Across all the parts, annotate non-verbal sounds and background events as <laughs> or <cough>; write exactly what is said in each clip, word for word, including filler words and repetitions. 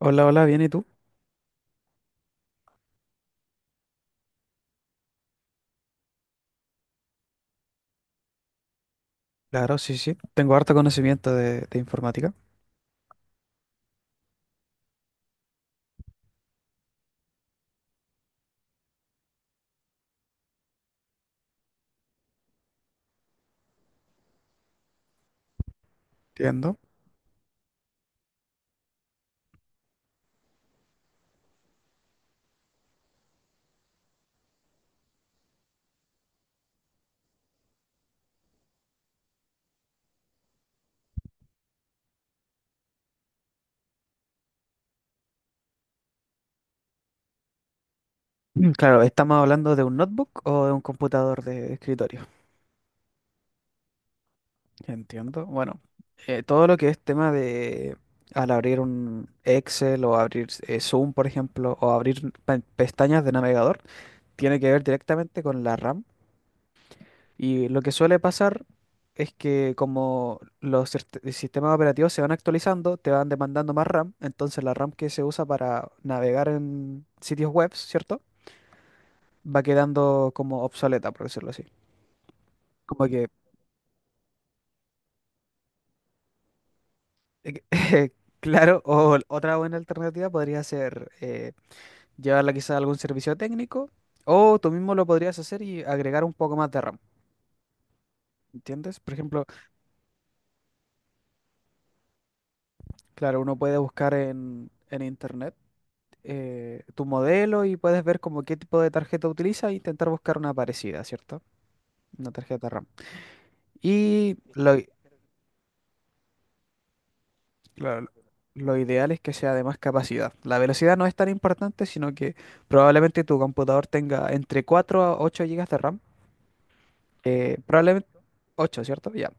Hola, hola, bien, ¿y tú? Claro, sí, sí. Tengo harto conocimiento de, de informática. Entiendo. Mm, Claro, ¿estamos hablando de un notebook o de un computador de escritorio? Entiendo. Bueno, eh, todo lo que es tema de al abrir un Excel o abrir eh, Zoom, por ejemplo, o abrir pe- pestañas de navegador, tiene que ver directamente con la RAM. Y lo que suele pasar es que como los sist- sistemas operativos se van actualizando, te van demandando más RAM. Entonces, la RAM que se usa para navegar en sitios web, ¿cierto? Va quedando como obsoleta, por decirlo así. Como que, <laughs> claro, o otra buena alternativa podría ser eh, llevarla quizá a algún servicio técnico, o tú mismo lo podrías hacer y agregar un poco más de RAM, ¿entiendes? Por ejemplo, claro, uno puede buscar en en internet, eh, tu modelo, y puedes ver como qué tipo de tarjeta utiliza e intentar buscar una parecida, ¿cierto? Una tarjeta RAM. Y lo, i- lo, lo ideal es que sea de más capacidad. La velocidad no es tan importante, sino que probablemente tu computador tenga entre cuatro a ocho gigas de RAM. Eh, probablemente ocho, ¿cierto? Ya.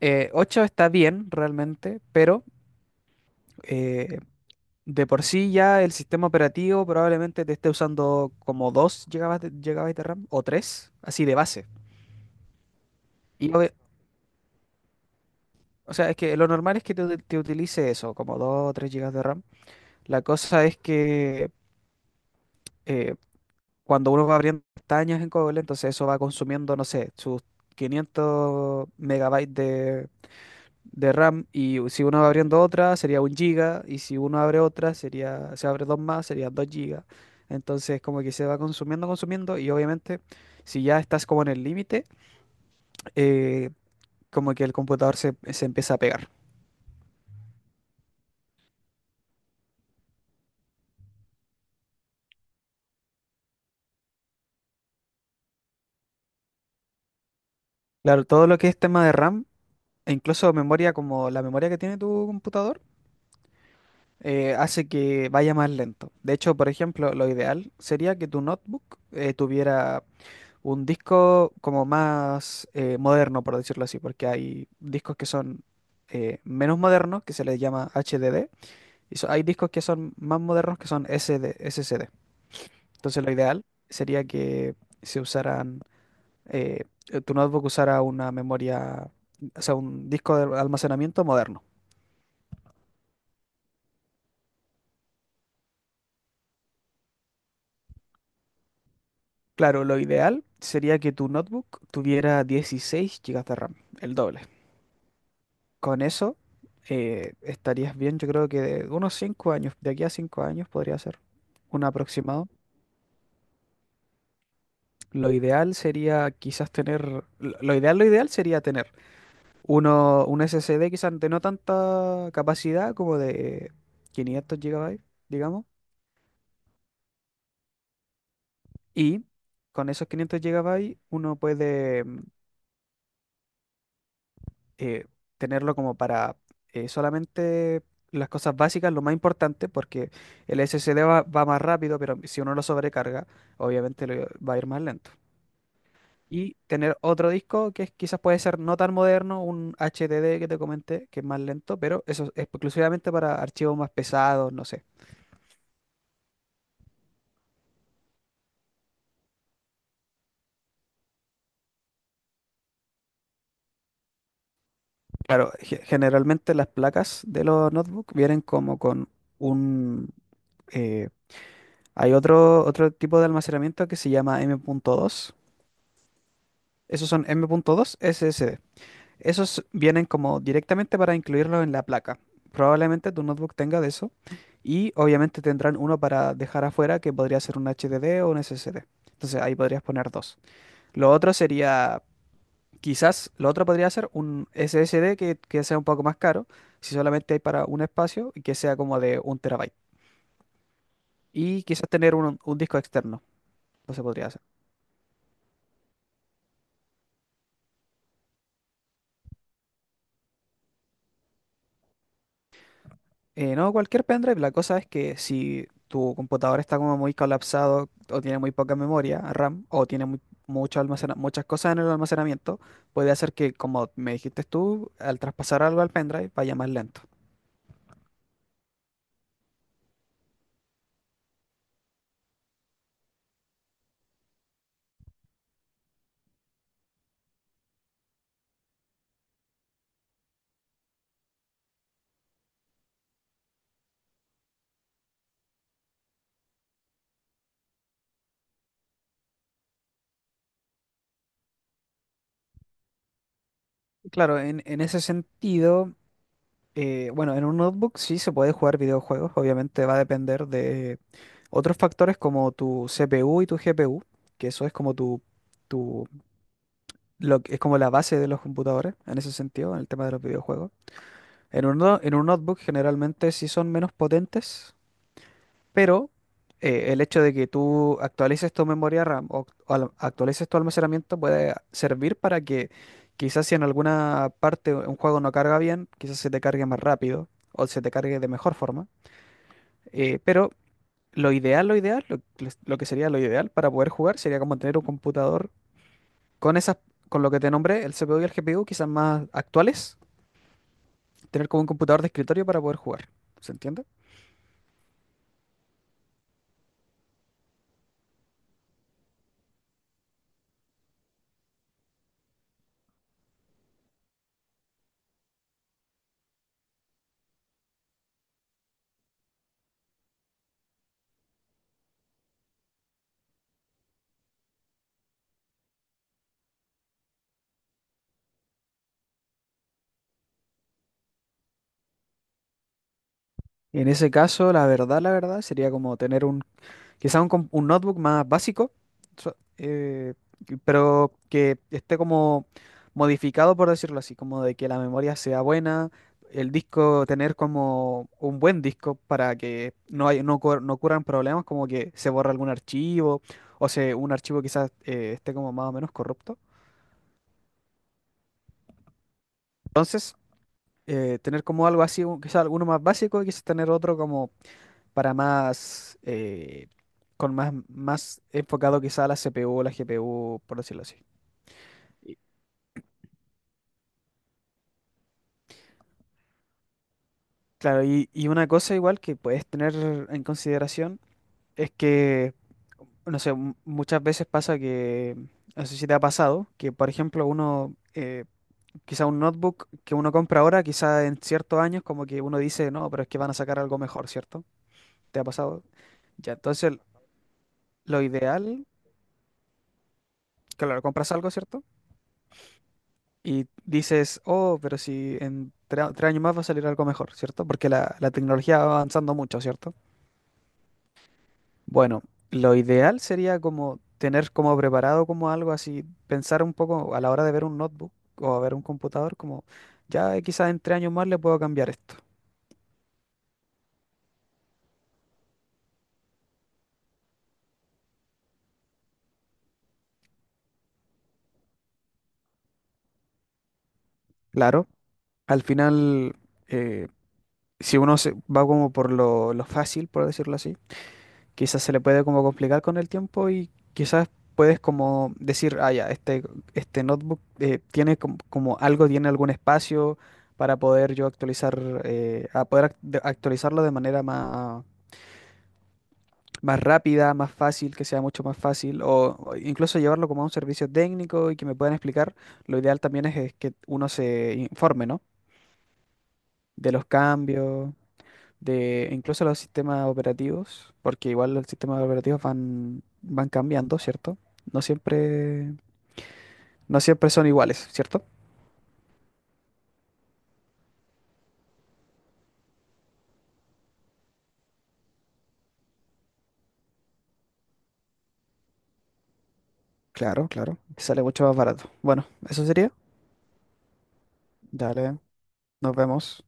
Eh, ocho está bien realmente, pero eh, de por sí ya el sistema operativo probablemente te esté usando como dos gigabytes de, G B de RAM o tres, así de base. Y obvi- O sea, es que lo normal es que te, te utilice eso, como dos o tres gigas de RAM. La cosa es que eh, cuando uno va abriendo pestañas en Cobol, entonces eso va consumiendo, no sé, sus quinientos megabytes de, de RAM. Y si uno va abriendo otra, sería un giga. Y si uno abre otra, sería, se abre dos más, serían dos gigas. Entonces, como que se va consumiendo, consumiendo. Y obviamente, si ya estás como en el límite, eh, como que el computador se, se empieza a pegar. Claro, todo lo que es tema de RAM, e incluso memoria, como la memoria que tiene tu computador, eh, hace que vaya más lento. De hecho, por ejemplo, lo ideal sería que tu notebook eh, tuviera un disco como más eh, moderno, por decirlo así, porque hay discos que son eh, menos modernos, que se les llama H D D, y so- hay discos que son más modernos, que son S D, S S D. Entonces, lo ideal sería que se usaran, eh, tu notebook usara una memoria, o sea, un disco de almacenamiento moderno. Claro, lo ideal sería que tu notebook tuviera dieciséis gigas de RAM, el doble. Con eso eh, estarías bien. Yo creo que de unos cinco años, de aquí a cinco años podría ser un aproximado. Lo ideal sería quizás tener, lo lo ideal, lo ideal sería tener uno, un S S D, quizás de no tanta capacidad, como de quinientos gigabytes, digamos. Y con esos quinientos gigabytes uno puede mm, eh, tenerlo como para eh, solamente las cosas básicas, lo más importante, porque el S S D va, va más rápido, pero si uno lo sobrecarga, obviamente le va a ir más lento. Y tener otro disco que es- quizás puede ser no tan moderno, un H D D que te comenté, que es más lento, pero eso es exclusivamente para archivos más pesados, no sé. Claro, ge- generalmente las placas de los notebooks vienen como con un... eh, hay otro, otro tipo de almacenamiento que se llama M. punto dos. Esos son M.dos S S D. Esos vienen como directamente para incluirlo en la placa. Probablemente tu notebook tenga de eso. Y obviamente tendrán uno para dejar afuera, que podría ser un H D D o un S S D. Entonces ahí podrías poner dos. Lo otro sería, quizás, lo otro podría ser un S S D que, que sea un poco más caro, si solamente hay para un espacio, y que sea como de un terabyte. Y quizás tener un, un disco externo. No se podría hacer. Eh, no, cualquier pendrive. La cosa es que si tu computador está como muy colapsado, o tiene muy poca memoria RAM, o tiene muy- mucho almacena- muchas cosas en el almacenamiento, puede hacer que, como me dijiste tú, al traspasar algo al pendrive vaya más lento. Claro, en, en ese sentido. Eh, bueno, en un notebook sí se puede jugar videojuegos. Obviamente va a depender de otros factores como tu C P U y tu G P U, que eso es como tu, tu, lo que es como la base de los computadores en ese sentido, en el tema de los videojuegos. En un, no- en un notebook generalmente sí son menos potentes, pero eh, el hecho de que tú actualices tu memoria RAM, o, o al- actualices tu almacenamiento, puede servir para que quizás si en alguna parte un juego no carga bien, quizás se te cargue más rápido o se te cargue de mejor forma. Eh, pero lo ideal, lo ideal, lo, lo- lo que sería lo ideal para poder jugar sería como tener un computador con esas, con lo que te nombré, el C P U y el G P U, quizás más actuales, tener como un computador de escritorio para poder jugar. ¿Se entiende? En ese caso, la verdad, la verdad, sería como tener un. Quizás un, com- un notebook más básico, so- eh, que- pero que esté como modificado, por decirlo así, como de que la memoria sea buena, el disco, tener como un buen disco para que no, hay, no, ocur- no ocurran problemas, como que se borra algún archivo, o se, un archivo quizás eh, esté como más o menos corrupto. Entonces, eh, tener como algo así, un- quizás alguno más básico, y quizás tener otro como para más, eh, con más, más enfocado quizá a la C P U o la G P U, por decirlo así. Y- Claro, y, y una cosa igual que puedes tener en consideración es que, no sé, mu- muchas veces pasa que, no sé si te ha pasado, que por ejemplo uno, eh, quizá un notebook que uno compra ahora, quizá en ciertos años como que uno dice, no, pero es que van a sacar algo mejor, ¿cierto? ¿Te ha pasado? Ya, entonces lo ideal, claro, compras algo, ¿cierto? Y dices, oh, pero si en tre- tres años más va a salir algo mejor, ¿cierto? Porque la, la tecnología va avanzando mucho, ¿cierto? Bueno, lo ideal sería como tener como preparado como algo así, pensar un poco a la hora de ver un notebook o a ver un computador, como ya, eh, quizás en tres años más le puedo cambiar esto. Claro, al final, eh, si uno se va como por lo, lo fácil, por decirlo así, quizás se le puede como complicar con el tiempo, y quizás puedes como decir, ah, ya, este, este notebook eh, tiene como, como, algo, tiene algún espacio para poder yo actualizar, eh, a poder act- de- actualizarlo de manera más, más rápida, más fácil, que sea mucho más fácil, o, o incluso llevarlo como a un servicio técnico y que me puedan explicar. Lo ideal también es, es que uno se informe, ¿no? De los cambios, de incluso los sistemas operativos, porque igual los sistemas operativos van, van cambiando, ¿cierto? No siempre, no siempre son iguales, ¿cierto? Claro, claro. Sale mucho más barato. Bueno, eso sería. Dale, nos vemos.